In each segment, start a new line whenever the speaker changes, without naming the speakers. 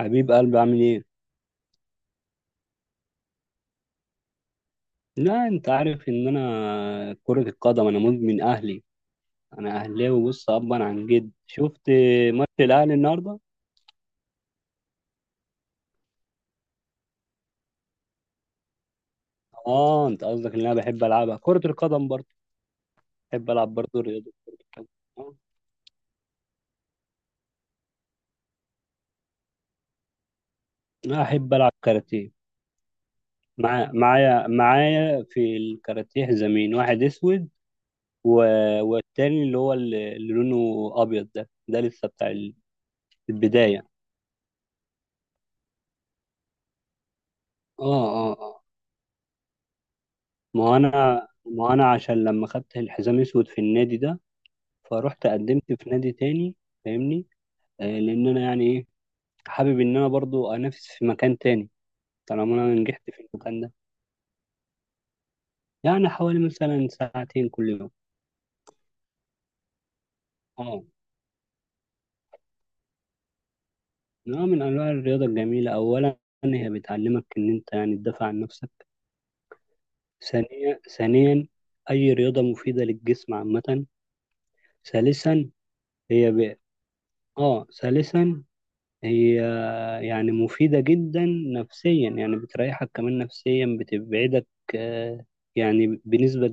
حبيب قلبي عامل ايه؟ لا انت عارف ان انا كرة القدم انا مدمن اهلي. انا اهلاوي بص ابا عن جد شفت ماتش الاهلي النهارده؟ اه، انت قصدك ان انا بحب العبها كرة القدم برضه. بحب العب برضه رياضة كرة القدم. آه، انا احب العب كاراتيه. معايا في الكاراتيه حزامين، واحد اسود و... والتاني اللي هو اللي لونه ابيض. ده لسه بتاع البداية. اه، اه، آه. ما هو انا ما هو انا عشان لما خدت الحزام اسود في النادي ده، فروحت قدمت في نادي تاني، فاهمني؟ لان انا يعني ايه، حابب ان انا برضو انافس في مكان تاني، طالما انا نجحت في المكان ده. يعني حوالي مثلا ساعتين كل يوم. اه، نوع من انواع الرياضه الجميله. اولا هي بتعلمك ان انت يعني تدافع عن نفسك. ثانيا، اي رياضه مفيده للجسم عامه. ثالثا هي ب... اه ثالثا هي يعني مفيدة جدا نفسيا، يعني بتريحك كمان نفسيا، بتبعدك آه، يعني بنسبة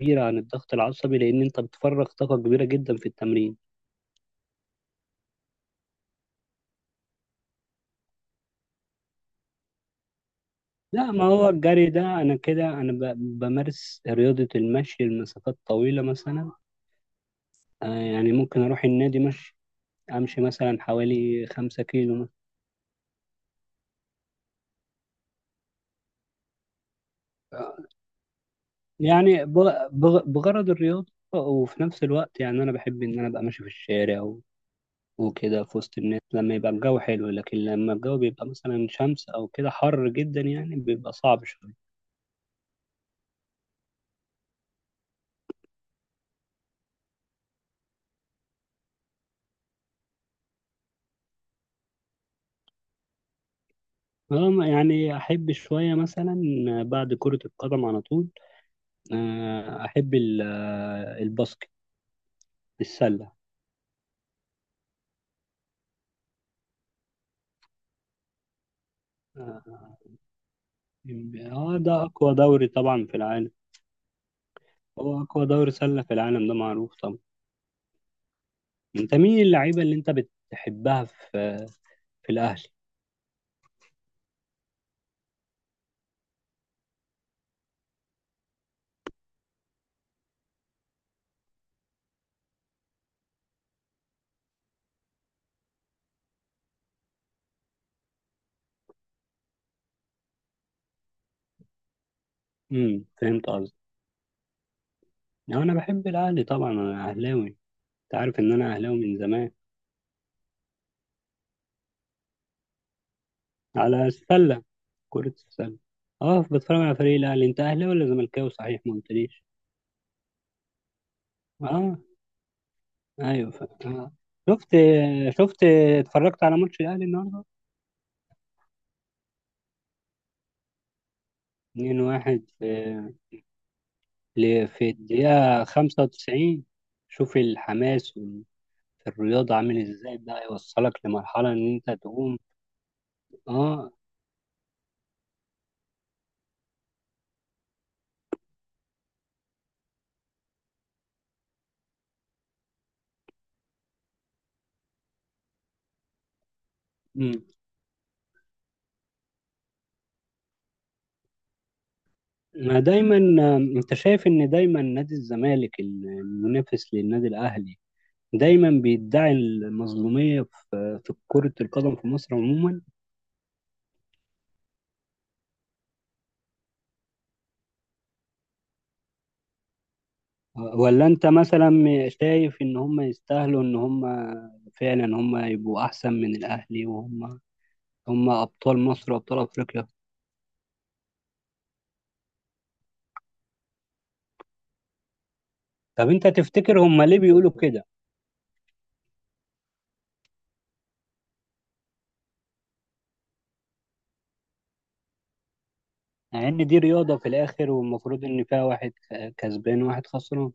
كبيرة عن الضغط العصبي، لأن أنت بتفرغ طاقة كبيرة جدا في التمرين. لا، ما هو الجري ده أنا كده أنا بمارس رياضة المشي لمسافات طويلة مثلا. يعني ممكن أروح النادي مشي، أمشي مثلا حوالي 5 كيلو مثلا. آه، يعني بغرض الرياضة، وفي نفس الوقت يعني أنا بحب إن أنا أبقى ماشي في الشارع وكده في وسط الناس لما يبقى الجو حلو. لكن لما الجو بيبقى مثلا شمس أو كده حر جدا يعني بيبقى صعب شوية. أنا يعني أحب شوية مثلا بعد كرة القدم على طول، أحب الباسكت، السلة. آه، آه، ده أقوى دوري طبعا في العالم. هو أقوى دوري سلة في العالم، ده معروف طبعا. أنت مين اللعيبة اللي أنت بتحبها في الأهلي؟ فهمت قصدي. أنا بحب الأهلي طبعا، أنا أهلاوي. أنت عارف إن أنا أهلاوي من زمان. على السلة، كرة السلة. اه، بتفرج على فريق الأهلي. انت أهلاوي ولا زملكاوي؟ صحيح ما قلتليش. اه، ايوه، آه. شفت شفت اتفرجت على ماتش الأهلي النهارده 2-1 في الدقيقة 95. شوف الحماس في الرياضة عامل ازاي ده يوصلك لمرحلة ان انت تقوم. اه. مم. ما دايما انت شايف ان دايما نادي الزمالك المنافس للنادي الاهلي دايما بيدعي المظلومية في كرة القدم في مصر عموما؟ ولا انت مثلا شايف ان هم يستاهلوا، ان هم فعلا هم يبقوا احسن من الاهلي، وهم هم ابطال مصر وابطال افريقيا؟ طب انت تفتكر هم ليه بيقولوا كده، مع ان دي رياضة في الاخر والمفروض ان فيها واحد كسبان وواحد خسران؟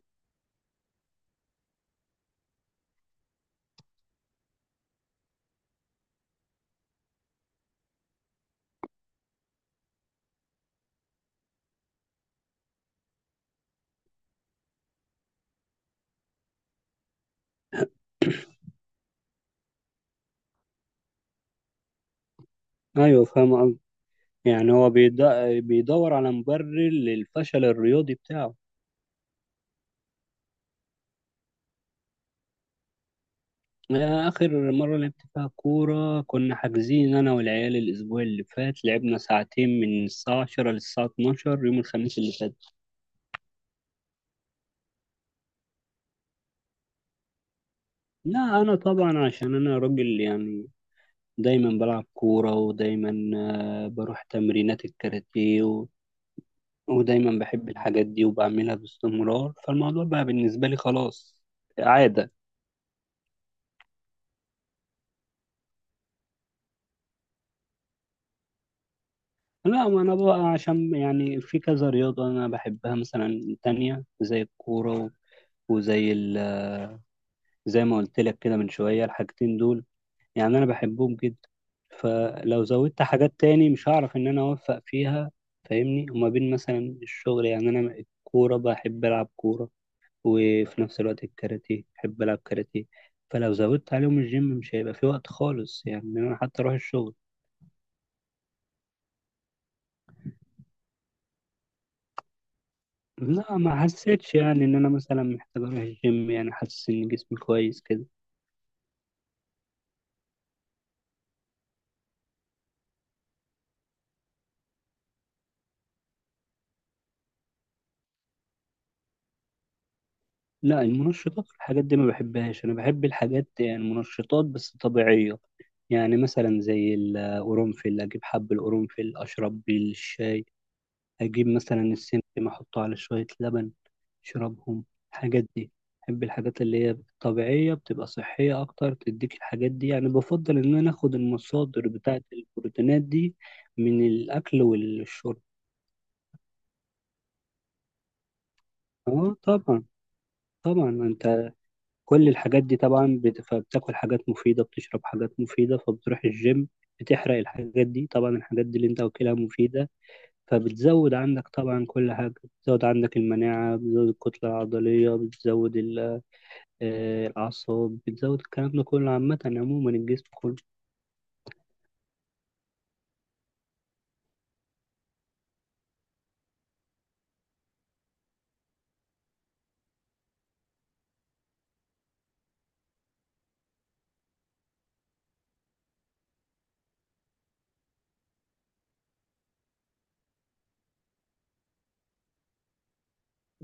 ايوه، فاهم قصدي. يعني هو بيدور على مبرر للفشل الرياضي بتاعه. آخر مرة لعبت فيها كورة كنا حاجزين أنا والعيال الأسبوع اللي فات، لعبنا ساعتين من الساعة 10 للساعة 12 يوم الخميس اللي فات. لا، أنا طبعا عشان أنا راجل يعني، دايما بلعب كورة، ودايما بروح تمرينات الكاراتيه ودايما بحب الحاجات دي وبعملها باستمرار، فالموضوع بقى بالنسبة لي خلاص عادة. لا، ما أنا بقى عشان يعني في كذا رياضة أنا بحبها مثلا تانية زي الكورة، وزي ال زي ما قلت لك كده من شوية، الحاجتين دول يعني أنا بحبهم جدا. فلو زودت حاجات تاني مش هعرف إن أنا أوفق فيها، فاهمني؟ وما بين مثلا الشغل يعني، أنا الكورة بحب ألعب كورة، وفي نفس الوقت الكاراتيه بحب ألعب كاراتيه. فلو زودت عليهم الجيم مش هيبقى في وقت خالص يعني إن أنا حتى أروح الشغل. لا، ما حسيتش يعني إن أنا مثلا محتاج أروح الجيم، يعني حاسس إن جسمي كويس كده. لا، المنشطات والحاجات دي ما بحبهاش. انا بحب الحاجات، يعني منشطات بس طبيعية. يعني مثلا زي القرنفل، اجيب حب القرنفل اشرب بيه الشاي، اجيب مثلا السمسم احطه على شوية لبن اشربهم. الحاجات دي، بحب الحاجات اللي هي طبيعية، بتبقى صحية اكتر، تديك الحاجات دي يعني. بفضل ان انا اخد المصادر بتاعة البروتينات دي من الاكل والشرب. اه طبعا. طبعا انت كل الحاجات دي طبعا فبتاكل حاجات مفيدة، بتشرب حاجات مفيدة، فبتروح الجيم بتحرق الحاجات دي. طبعا الحاجات دي اللي انت واكلها مفيدة، فبتزود عندك طبعا كل حاجة. بتزود عندك المناعة، بتزود الكتلة العضلية، بتزود الأعصاب، بتزود الكلام ده كله، عامة عموما الجسم كله.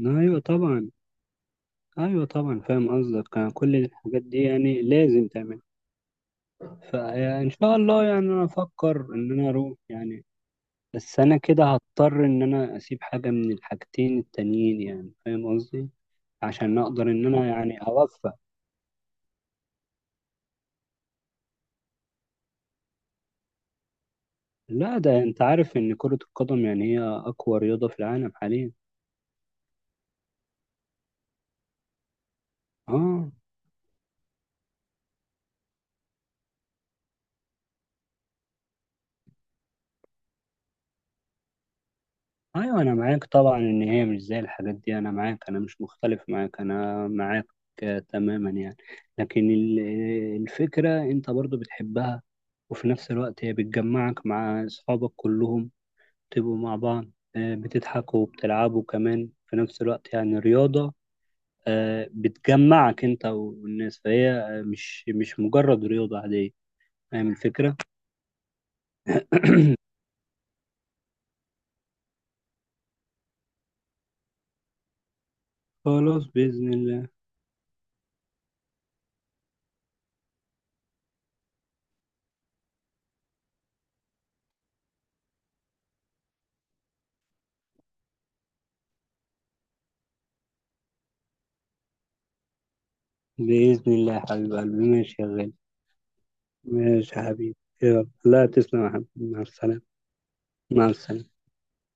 أيوة طبعا. أيوة طبعا فاهم قصدك. كل الحاجات دي يعني لازم تعمل. فإن شاء الله يعني أنا أفكر إن أنا أروح يعني. بس انا كده هضطر ان انا اسيب حاجة من الحاجتين التانيين، يعني فاهم قصدي؟ عشان اقدر ان انا يعني اوفق. لا، ده انت عارف ان كرة القدم يعني هي اقوى رياضة في العالم حاليا. اه، ايوه انا معاك طبعا، ان هي مش زي الحاجات دي، انا معاك، انا مش مختلف معاك، انا معاك تماما يعني. لكن الفكرة انت برضو بتحبها، وفي نفس الوقت هي بتجمعك مع اصحابك كلهم تبقوا مع بعض، بتضحكوا وبتلعبوا كمان في نفس الوقت، يعني رياضة بتجمعك انت والناس. فهي مش مجرد رياضة عادية. فاهم الفكرة؟ خلاص بإذن الله. بإذن الله يا حبيب قلبي، ماشي يا غالي. ماشي يا حبيبي، يلا لا تسلم يا حبيبي، مع السلامة. مع السلامة.